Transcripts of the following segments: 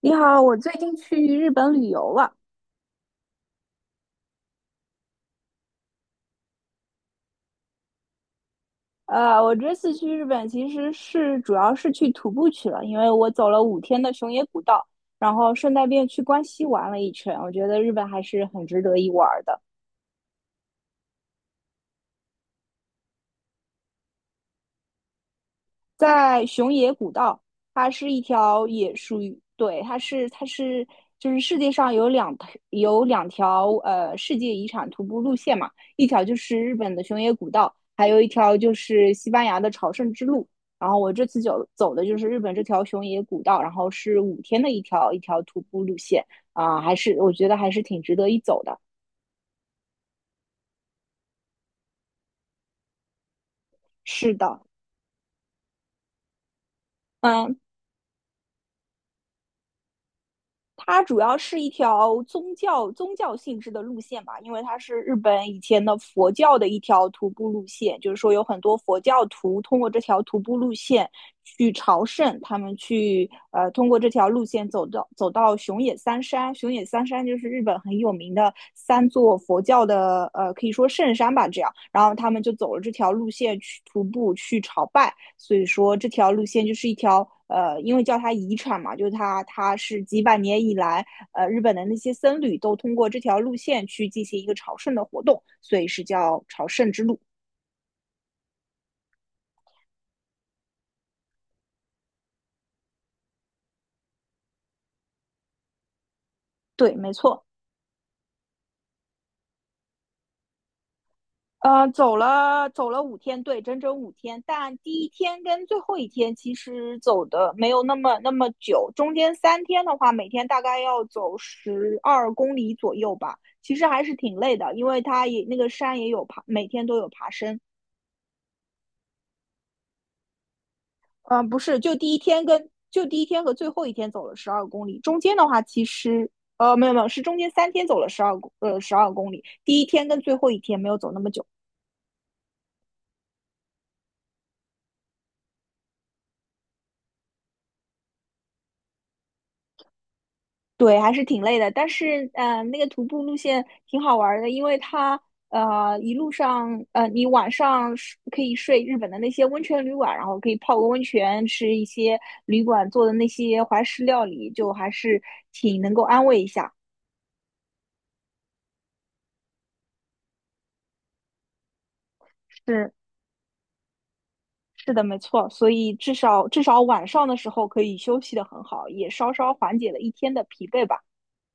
你好，我最近去日本旅游了。我这次去日本其实主要是去徒步去了，因为我走了五天的熊野古道，然后顺带便去关西玩了一圈。我觉得日本还是很值得一玩的。在熊野古道，它是一条也属于，对，它是它是就是世界上有两条世界遗产徒步路线嘛，一条就是日本的熊野古道，还有一条就是西班牙的朝圣之路。然后我这次走的就是日本这条熊野古道，然后是五天的一条徒步路线啊，我觉得还是挺值得一走的。是的。嗯，它主要是一条宗教性质的路线吧，因为它是日本以前的佛教的一条徒步路线，就是说有很多佛教徒通过这条徒步路线去朝圣，他们通过这条路线走到熊野三山，熊野三山就是日本很有名的三座佛教的可以说圣山吧，这样，然后他们就走了这条路线去徒步去朝拜。所以说这条路线就是一条因为叫它遗产嘛，就是它是几百年以来，日本的那些僧侣都通过这条路线去进行一个朝圣的活动，所以是叫朝圣之路。对，没错。走了五天，对，整整5天。但第一天跟最后一天其实走的没有那么久，中间三天的话，每天大概要走十二公里左右吧。其实还是挺累的，因为它也那个山也有爬，每天都有爬升。嗯，不是，就第一天和最后一天走了十二公里，中间的话其实没有，是中间三天走了十二公里，第一天跟最后一天没有走那么久，对，还是挺累的。但是那个徒步路线挺好玩儿的，因为它一路上你晚上是可以睡日本的那些温泉旅馆，然后可以泡个温泉，吃一些旅馆做的那些怀石料理，就还是挺能够安慰一下。是。是的，没错，所以至少晚上的时候可以休息的很好，也稍稍缓解了一天的疲惫吧。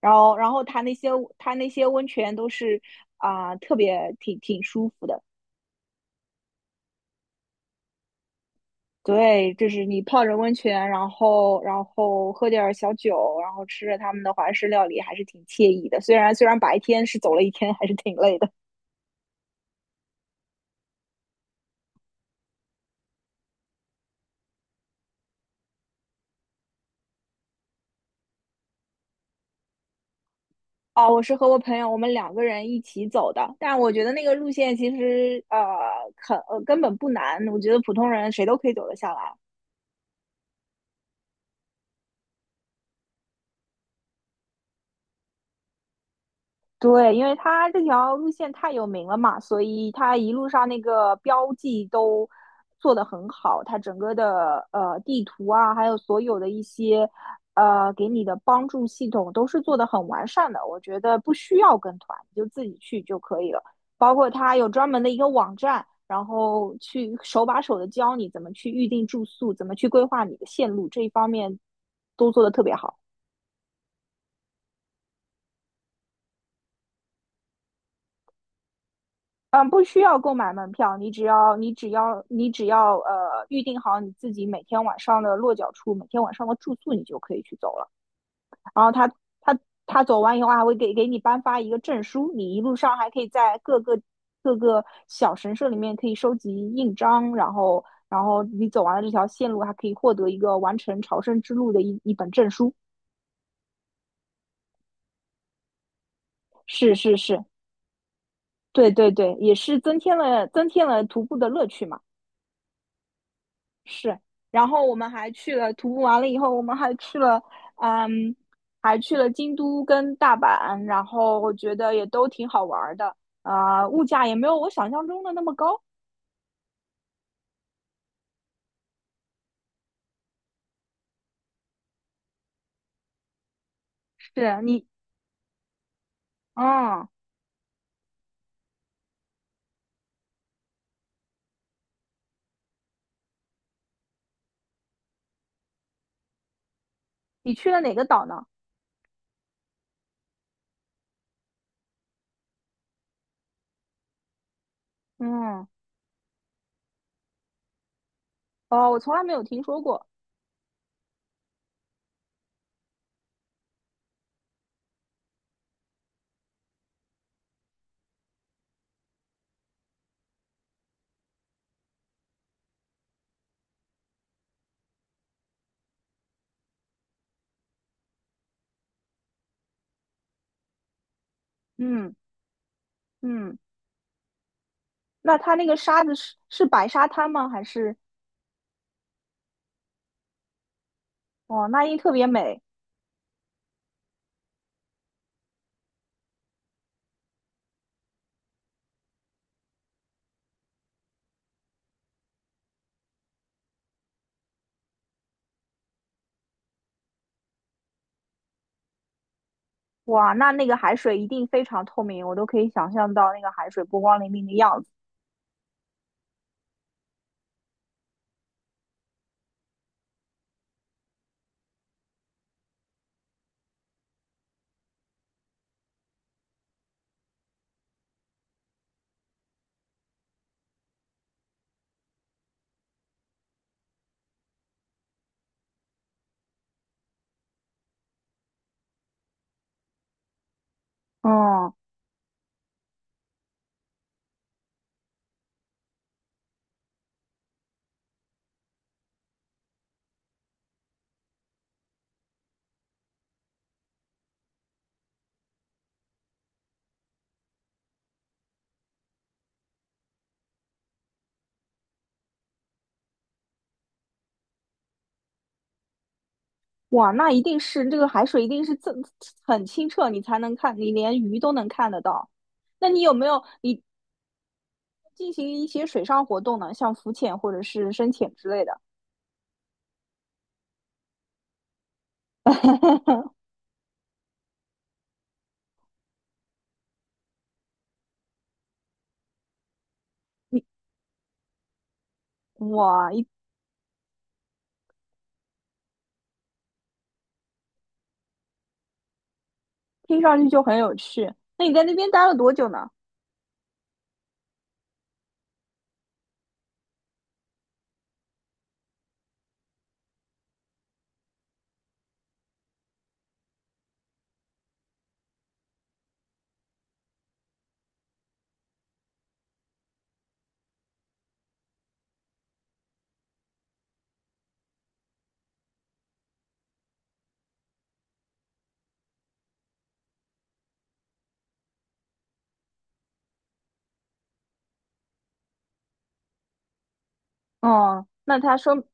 然后它那些温泉都是特别挺舒服的。对，就是你泡着温泉，然后喝点儿小酒，然后吃着他们的华式料理，还是挺惬意的。虽然白天是走了一天，还是挺累的。哦，我是和我朋友，我们两个人一起走的。但我觉得那个路线其实根本不难，我觉得普通人谁都可以走得下来。对，因为它这条路线太有名了嘛，所以它一路上那个标记都做得很好，它整个的地图啊，还有所有的一些给你的帮助系统都是做得很完善的。我觉得不需要跟团，你就自己去就可以了。包括它有专门的一个网站，然后去手把手的教你怎么去预定住宿，怎么去规划你的线路，这一方面都做得特别好。嗯，不需要购买门票，你只要预定好你自己每天晚上的落脚处，每天晚上的住宿，你就可以去走了。然后他他走完以后还会给你颁发一个证书，你一路上还可以在各个小神社里面可以收集印章，然后你走完了这条线路，还可以获得一个完成朝圣之路的一本证书。是是是，对对对，也是增添了徒步的乐趣嘛。是，然后我们还去了徒步完了以后，我们还去了，嗯，还去了京都跟大阪，然后我觉得也都挺好玩儿的，物价也没有我想象中的那么高。是你，嗯，你去了哪个岛呢？嗯，哦，我从来没有听说过。嗯嗯，那它那个沙子是白沙滩吗？还是哦，那一定特别美。哇，那个海水一定非常透明，我都可以想象到那个海水波光粼粼的样子。嗯，哇，那一定是这个海水一定是很清澈，你才能看，你连鱼都能看得到。那你有没有进行一些水上活动呢？像浮潜或者是深潜之类的？你哇，听上去就很有趣。那你在那边待了多久呢？哦，那他说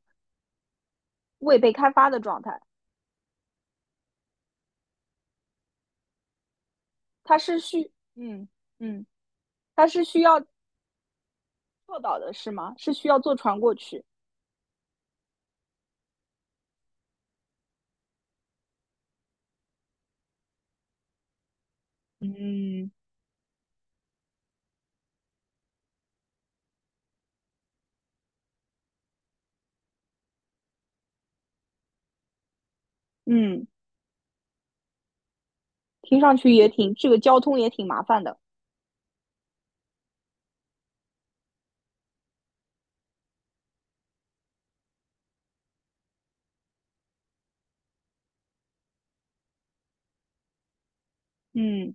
未被开发的状态，它是需嗯嗯，它是需要坐岛的是吗？是需要坐船过去？嗯嗯，听上去也挺，这个交通也挺麻烦的。嗯。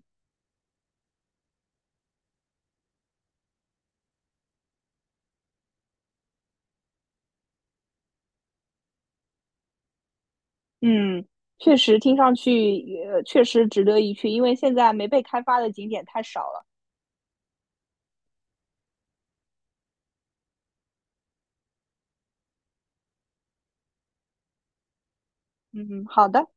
嗯，确实听上去也确实值得一去，因为现在没被开发的景点太少了。嗯，好的，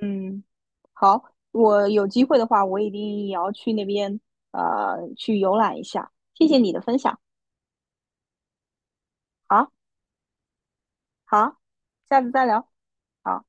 嗯，好，我有机会的话，我一定也要去那边去游览一下。谢谢你的分享，好，好，下次再聊。好。